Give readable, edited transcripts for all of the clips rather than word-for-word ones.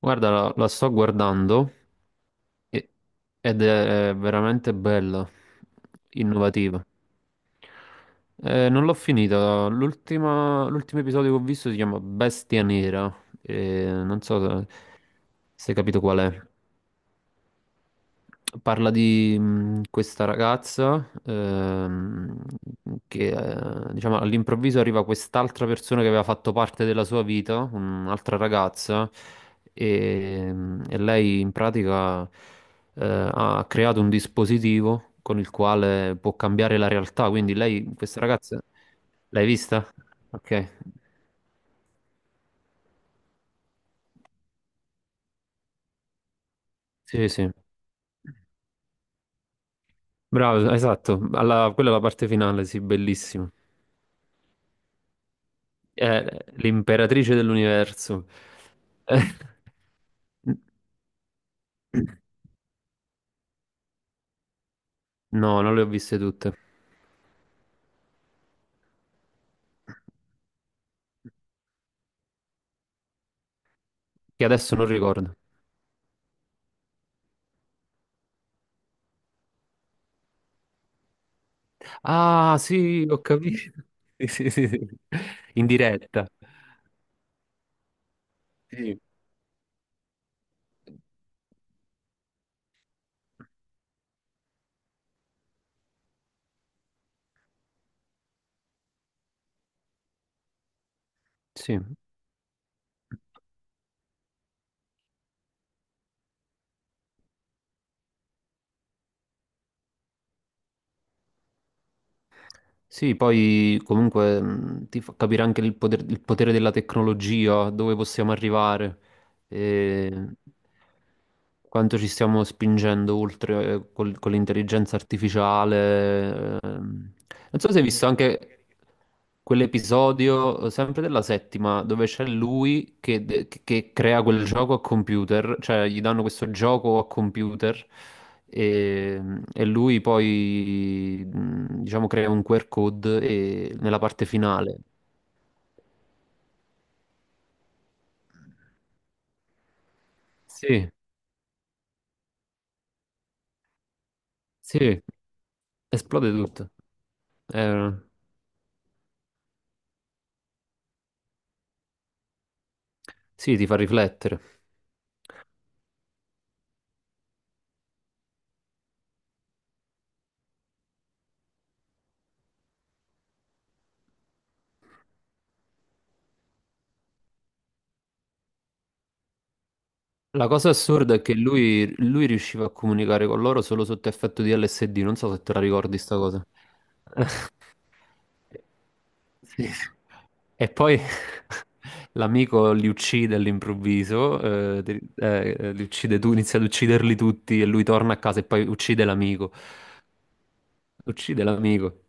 Guarda, la sto guardando e- ed è veramente bella, innovativa. Non l'ho finita, l'ultimo episodio che ho visto si chiama Bestia Nera, e non so se, se hai capito qual è. Parla di questa ragazza che diciamo all'improvviso arriva quest'altra persona che aveva fatto parte della sua vita, un'altra ragazza, e lei in pratica ha creato un dispositivo con il quale può cambiare la realtà. Quindi lei, questa ragazza, l'hai vista? Ok, sì, sì, bravo, esatto. Quella è la parte finale, sì, bellissima. L'imperatrice dell'universo. Eh, no, non le ho viste tutte. Che adesso non ricordo. Ah, sì, ho capito. Sì, sì, sì, sì. In diretta. Sì. Sì. Sì, poi comunque ti fa capire anche il il potere della tecnologia, dove possiamo arrivare. E quanto ci stiamo spingendo oltre con l'intelligenza artificiale. Non so se hai visto anche quell'episodio, sempre della settima, dove c'è lui che, che crea quel gioco a computer, cioè gli danno questo gioco a computer. E, e lui poi, diciamo, crea un QR code e nella parte finale. Sì, sì, esplode tutto. Eh, Sì, ti fa riflettere. La cosa assurda è che lui riusciva a comunicare con loro solo sotto effetto di LSD, non so se te la ricordi sta cosa. Sì. E poi l'amico li uccide all'improvviso, li uccide tu, inizia ad ucciderli tutti e lui torna a casa e poi uccide l'amico. Uccide l'amico.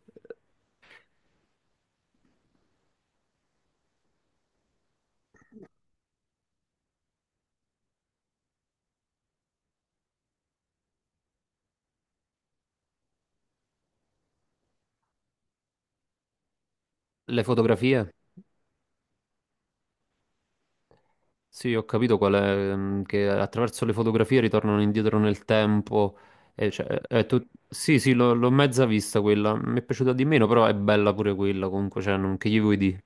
Le fotografie? Sì, ho capito qual è, mm, che attraverso le fotografie ritornano indietro nel tempo. E cioè, sì, sì, l'ho mezza vista quella. Mi è piaciuta di meno, però è bella pure quella. Comunque, cioè, non... che gli vuoi dire?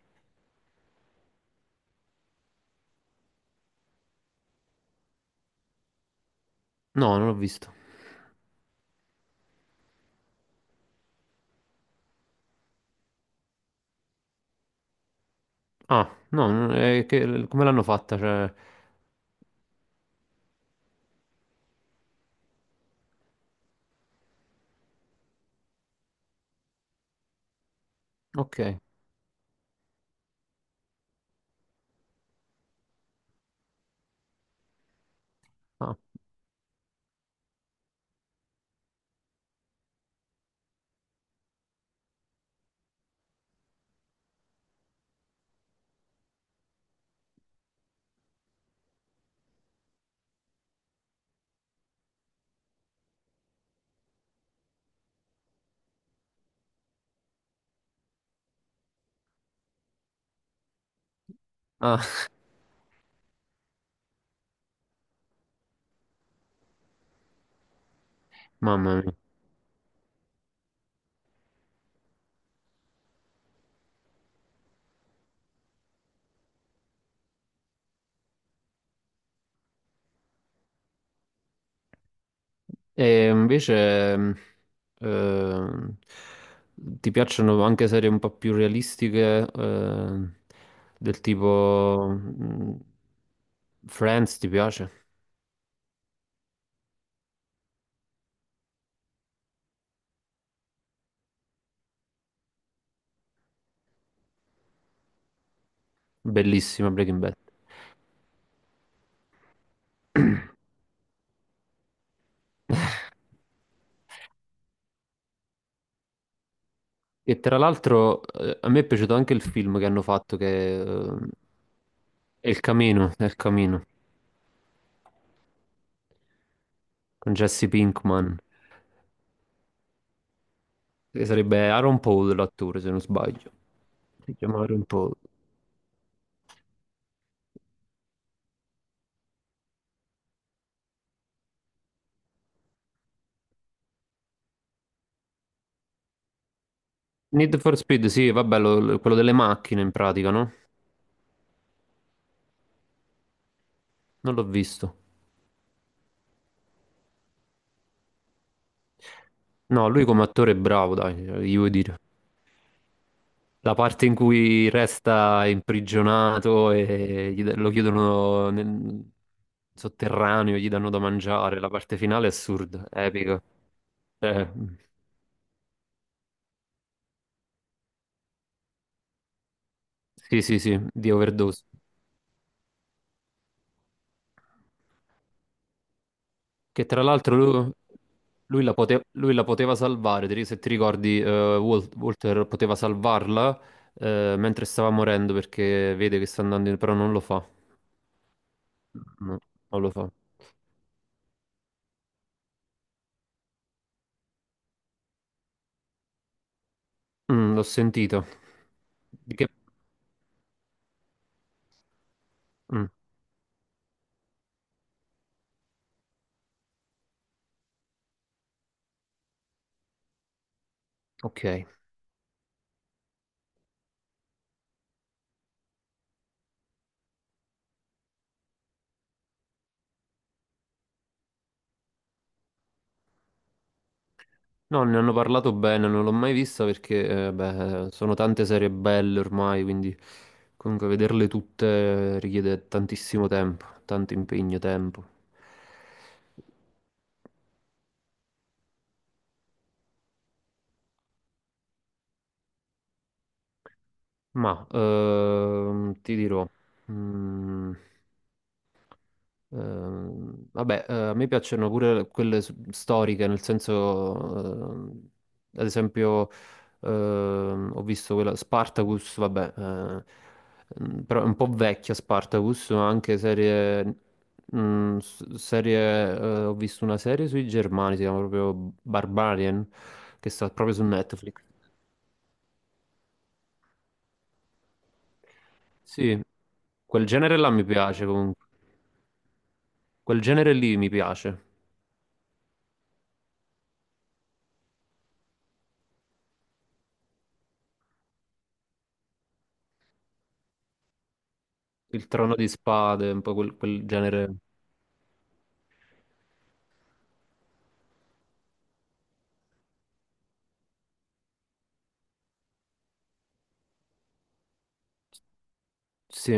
No, non l'ho vista. Ah, no, come l'hanno fatta? Cioè... Ok. Ah, ah, mamma mia. E invece, ehm, ti piacciono anche serie un po' più realistiche, del tipo, Friends, ti piace? Bellissima Breaking Bad. E tra l'altro, a me è piaciuto anche il film che hanno fatto, che, è Il Camino, con Jesse Pinkman, che sarebbe Aaron Paul l'attore, se non sbaglio. Si chiama Aaron Paul. Need for Speed, sì, vabbè, quello delle macchine in pratica, no? Non l'ho visto. No, lui come attore è bravo, dai, gli vuoi dire. La parte in cui resta imprigionato e lo chiudono nel sotterraneo, gli danno da mangiare, la parte finale è assurda, epica. Eh, sì, sì, sì, di overdose. Che tra l'altro lui la poteva salvare, se ti ricordi, Walter poteva salvarla mentre stava morendo perché vede che sta andando in... però non lo fa. No, non lo fa. Mm, l'ho sentito. Di che... Mm, ok. No, ne hanno parlato bene, non l'ho mai vista perché beh, sono tante serie belle ormai, quindi comunque vederle tutte richiede tantissimo tempo, tanto impegno, tempo. Ma ti dirò, mm, vabbè, a me piacciono pure quelle storiche, nel senso, ehm, ad esempio, ho visto quella Spartacus, vabbè, mm, però è un po' vecchia Spartacus, ma anche serie, mm, serie, ho visto una serie sui Germani, si chiama proprio Barbarian, che sta proprio su Netflix. Sì, quel genere là mi piace comunque. Quel genere lì mi piace. Il Trono di Spade, un po' quel, quel genere. Sì,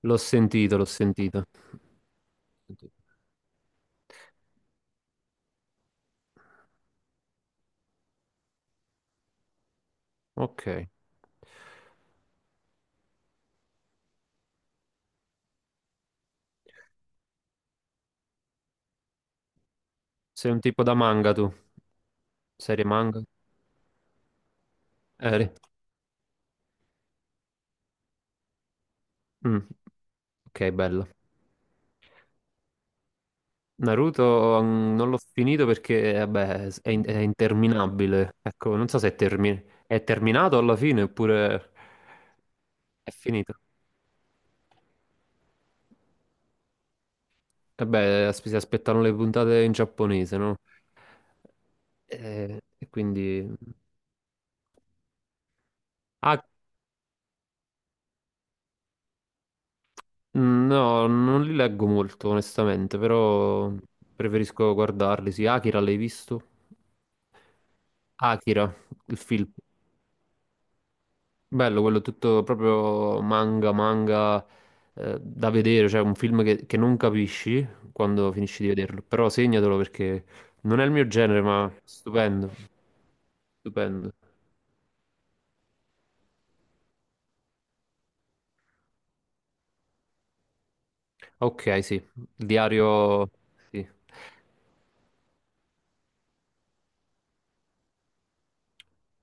l'ho sentito, l'ho sentito. Ok. Sei un tipo da manga tu? Serie manga? Eri? Mm, ok, bello. Naruto mm, non l'ho finito perché, vabbè, è, è interminabile. Ecco, non so se è, è terminato alla fine oppure è finito. Vabbè, si aspettano le puntate in giapponese, no? E, quindi... Ah, mm, no, non li leggo molto, onestamente, però preferisco guardarli. Sì, Akira l'hai visto? Akira, il film. Bello, quello tutto proprio manga, manga da vedere, cioè un film che non capisci quando finisci di vederlo, però segnatelo perché non è il mio genere, ma stupendo, stupendo. Ok, sì, il diario, sì.